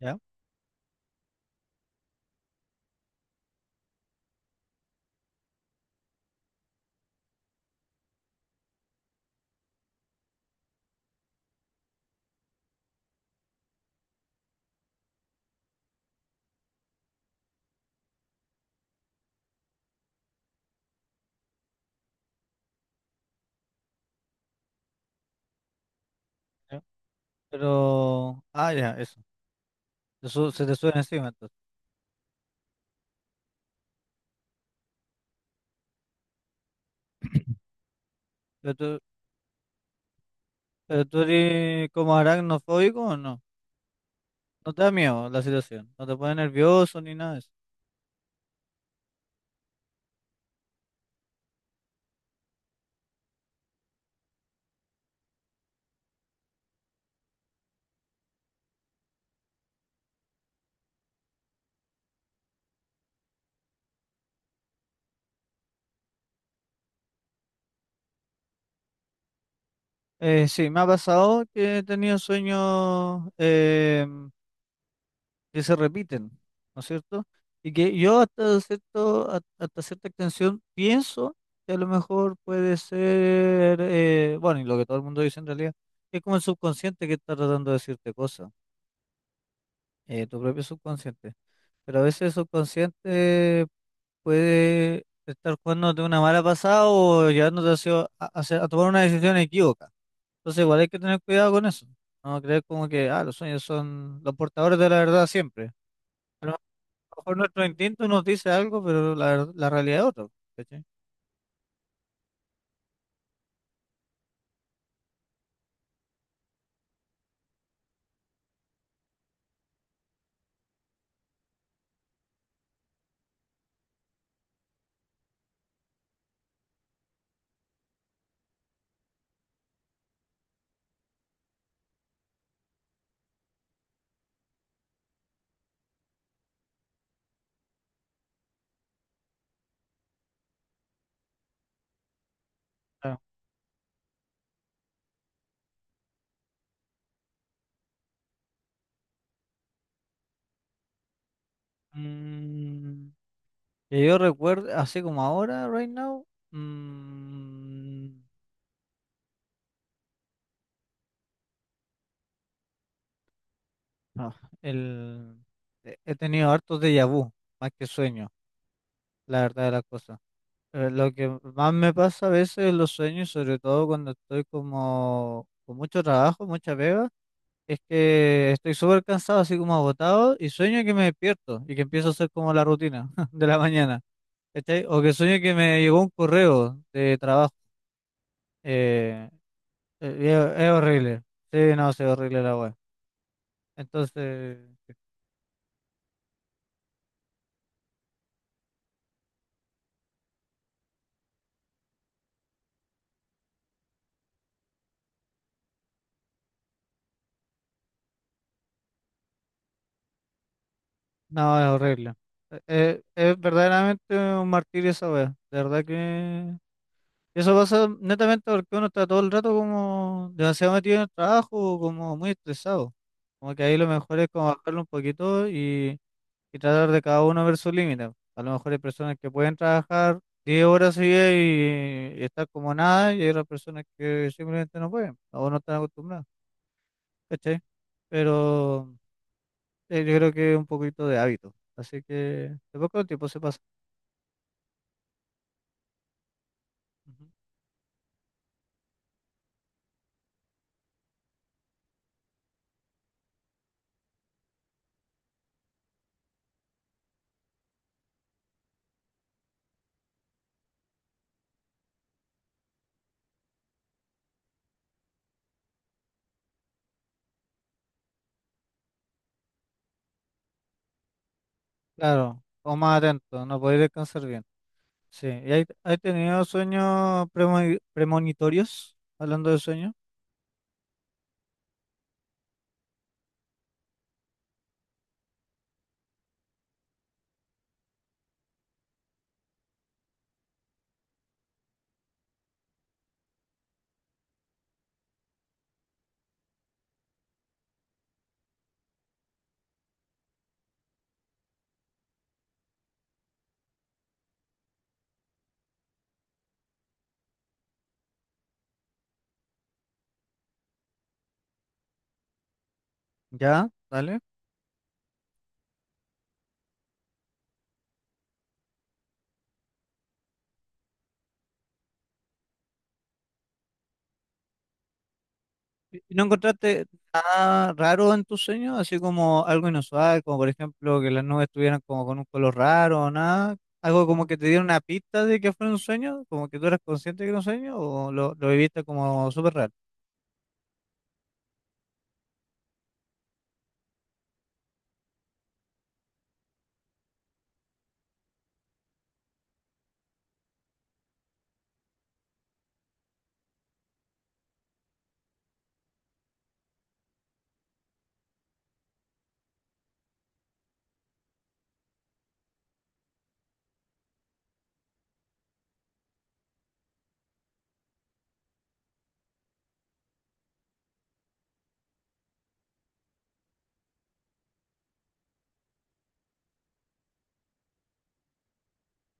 Ya, ya. Pero, ah, ya, eso. Eso se te sube encima entonces. Pero tú, pero tú eres como aracnofóbico o ¿no? No te da miedo la situación, no te pone nervioso ni nada de eso. Sí, me ha pasado que he tenido sueños que se repiten, ¿no es cierto? Y que yo hasta cierto, hasta cierta extensión pienso que a lo mejor puede ser, bueno, y lo que todo el mundo dice en realidad, que es como el subconsciente que está tratando de decirte cosas, tu propio subconsciente. Pero a veces el subconsciente puede estar jugándote una mala pasada o llevándote a tomar una decisión equívoca. Entonces igual hay que tener cuidado con eso. No creer como que los sueños son los portadores de la verdad siempre. A lo mejor nuestro instinto nos dice algo, pero la realidad es otra. ¿Cachai? Claro. Mm, que yo recuerdo, así como ahora, right now, no, el, he tenido hartos déjà vu, más que sueños, la verdad de las cosas. Lo que más me pasa a veces en los sueños, sobre todo cuando estoy como con mucho trabajo, mucha pega, es que estoy súper cansado, así como agotado, y sueño que me despierto y que empiezo a hacer como la rutina de la mañana, ¿cachai? O que sueño que me llegó un correo de trabajo. eh, es horrible. Sí, no, sí, es horrible la web. Entonces, no, es horrible. Es verdaderamente un martirio esa web. De verdad que... Y eso pasa netamente porque uno está todo el rato como demasiado metido en el trabajo, como muy estresado. Como que ahí lo mejor es como bajarlo un poquito y tratar de cada uno ver su límite. A lo mejor hay personas que pueden trabajar 10 horas seguidas y estar como nada, y hay otras personas que simplemente no pueden o no están acostumbradas, ¿cachai? Pero yo creo que es un poquito de hábito. Así que de poco a tiempo se pasa. Ujú. Claro, o más atento, no podéis descansar bien. Sí, ¿y has tenido sueños premonitorios? Hablando de sueños, ya, dale. ¿Y no encontraste nada raro en tus sueños? Así como algo inusual, como por ejemplo que las nubes estuvieran como con un color raro o nada. Algo como que te diera una pista de que fuera un sueño, como que tú eras consciente que era un sueño o lo viviste como súper raro.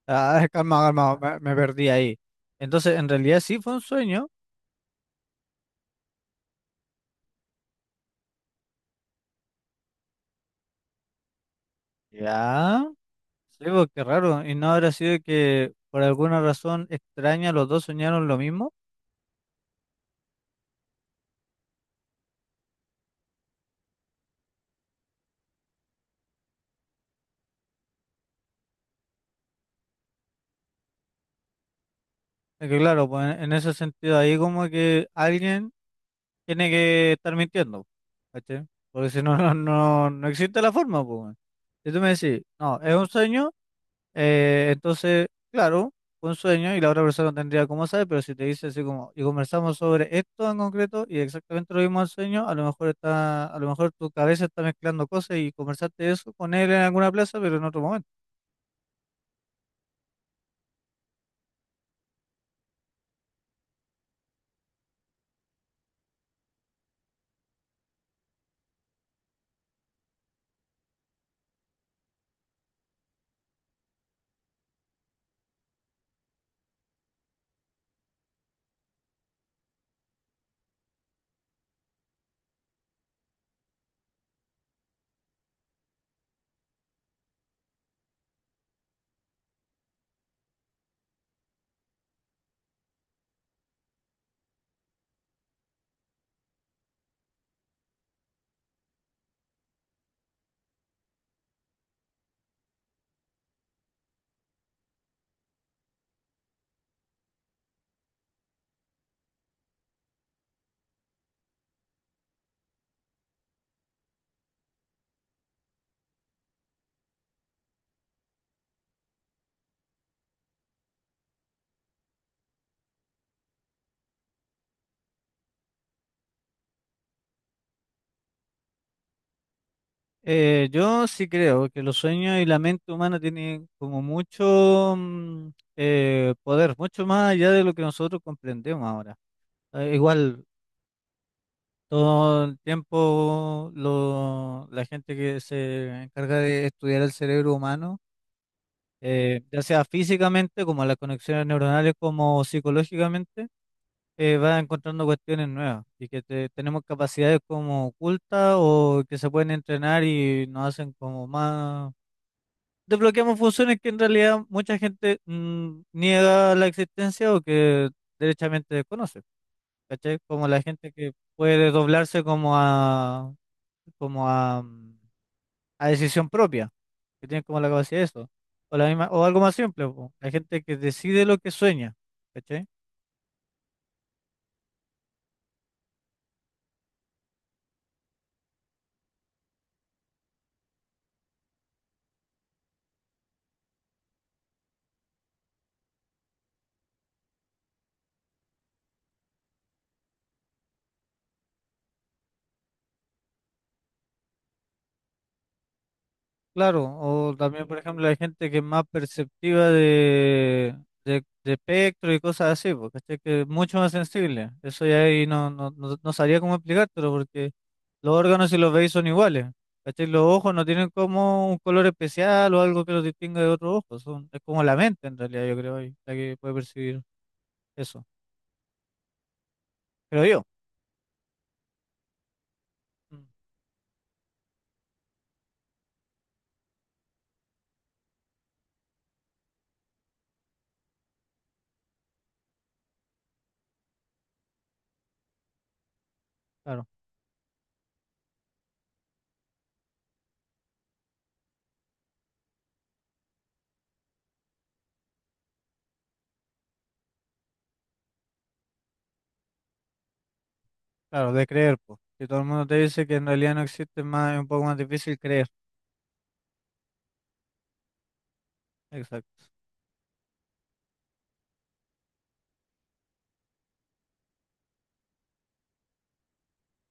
Ah, calma, calma, me perdí ahí. Entonces, en realidad sí fue un sueño, ya. Sí, pues, qué raro. ¿Y no habrá sido que por alguna razón extraña los dos soñaron lo mismo? Es que claro, pues en ese sentido ahí como que alguien tiene que estar mintiendo, ¿cachai? Porque si no, no, no, no existe la forma, pues. Weón. Si tú me decís, no, es un sueño. Entonces, claro, un sueño y la otra persona no tendría cómo saber, pero si te dice así como, y conversamos sobre esto en concreto y exactamente lo mismo al sueño, a lo mejor está, a lo mejor tu cabeza está mezclando cosas y conversaste eso con él en alguna plaza, pero en otro momento. Yo sí creo que los sueños y la mente humana tienen como mucho poder, mucho más allá de lo que nosotros comprendemos ahora. Igual. Todo el tiempo la gente que se encarga de estudiar el cerebro humano, ya sea físicamente, como las conexiones neuronales, como psicológicamente, va encontrando cuestiones nuevas y que tenemos capacidades como ocultas o que se pueden entrenar y nos hacen como más... Desbloqueamos funciones que en realidad mucha gente niega la existencia o que derechamente desconoce, ¿cachai? Como la gente que puede doblarse como a, mm, a decisión propia, que tienen como la capacidad de eso. O la misma, o algo más simple, po, la gente que decide lo que sueña, ¿cachai? Claro, o también, por ejemplo, la gente que es más perceptiva de, espectro y cosas así, po, ¿cachai? Que es mucho más sensible. Eso ya ahí no sabría cómo explicártelo, porque los órganos, si los veis, son iguales. ¿Cachai? Los ojos no tienen como un color especial o algo que los distinga de otros ojos. Es como la mente, en realidad, yo creo, ahí, la que puede percibir eso. Creo yo. Mm. Claro, claro, de creer, pues. Si todo el mundo te dice que en realidad no existe, es más, es un poco más difícil creer. Exacto.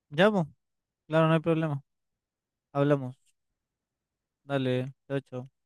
Ya, pues, claro, no hay problema. Hablamos. Dale, chao, chao.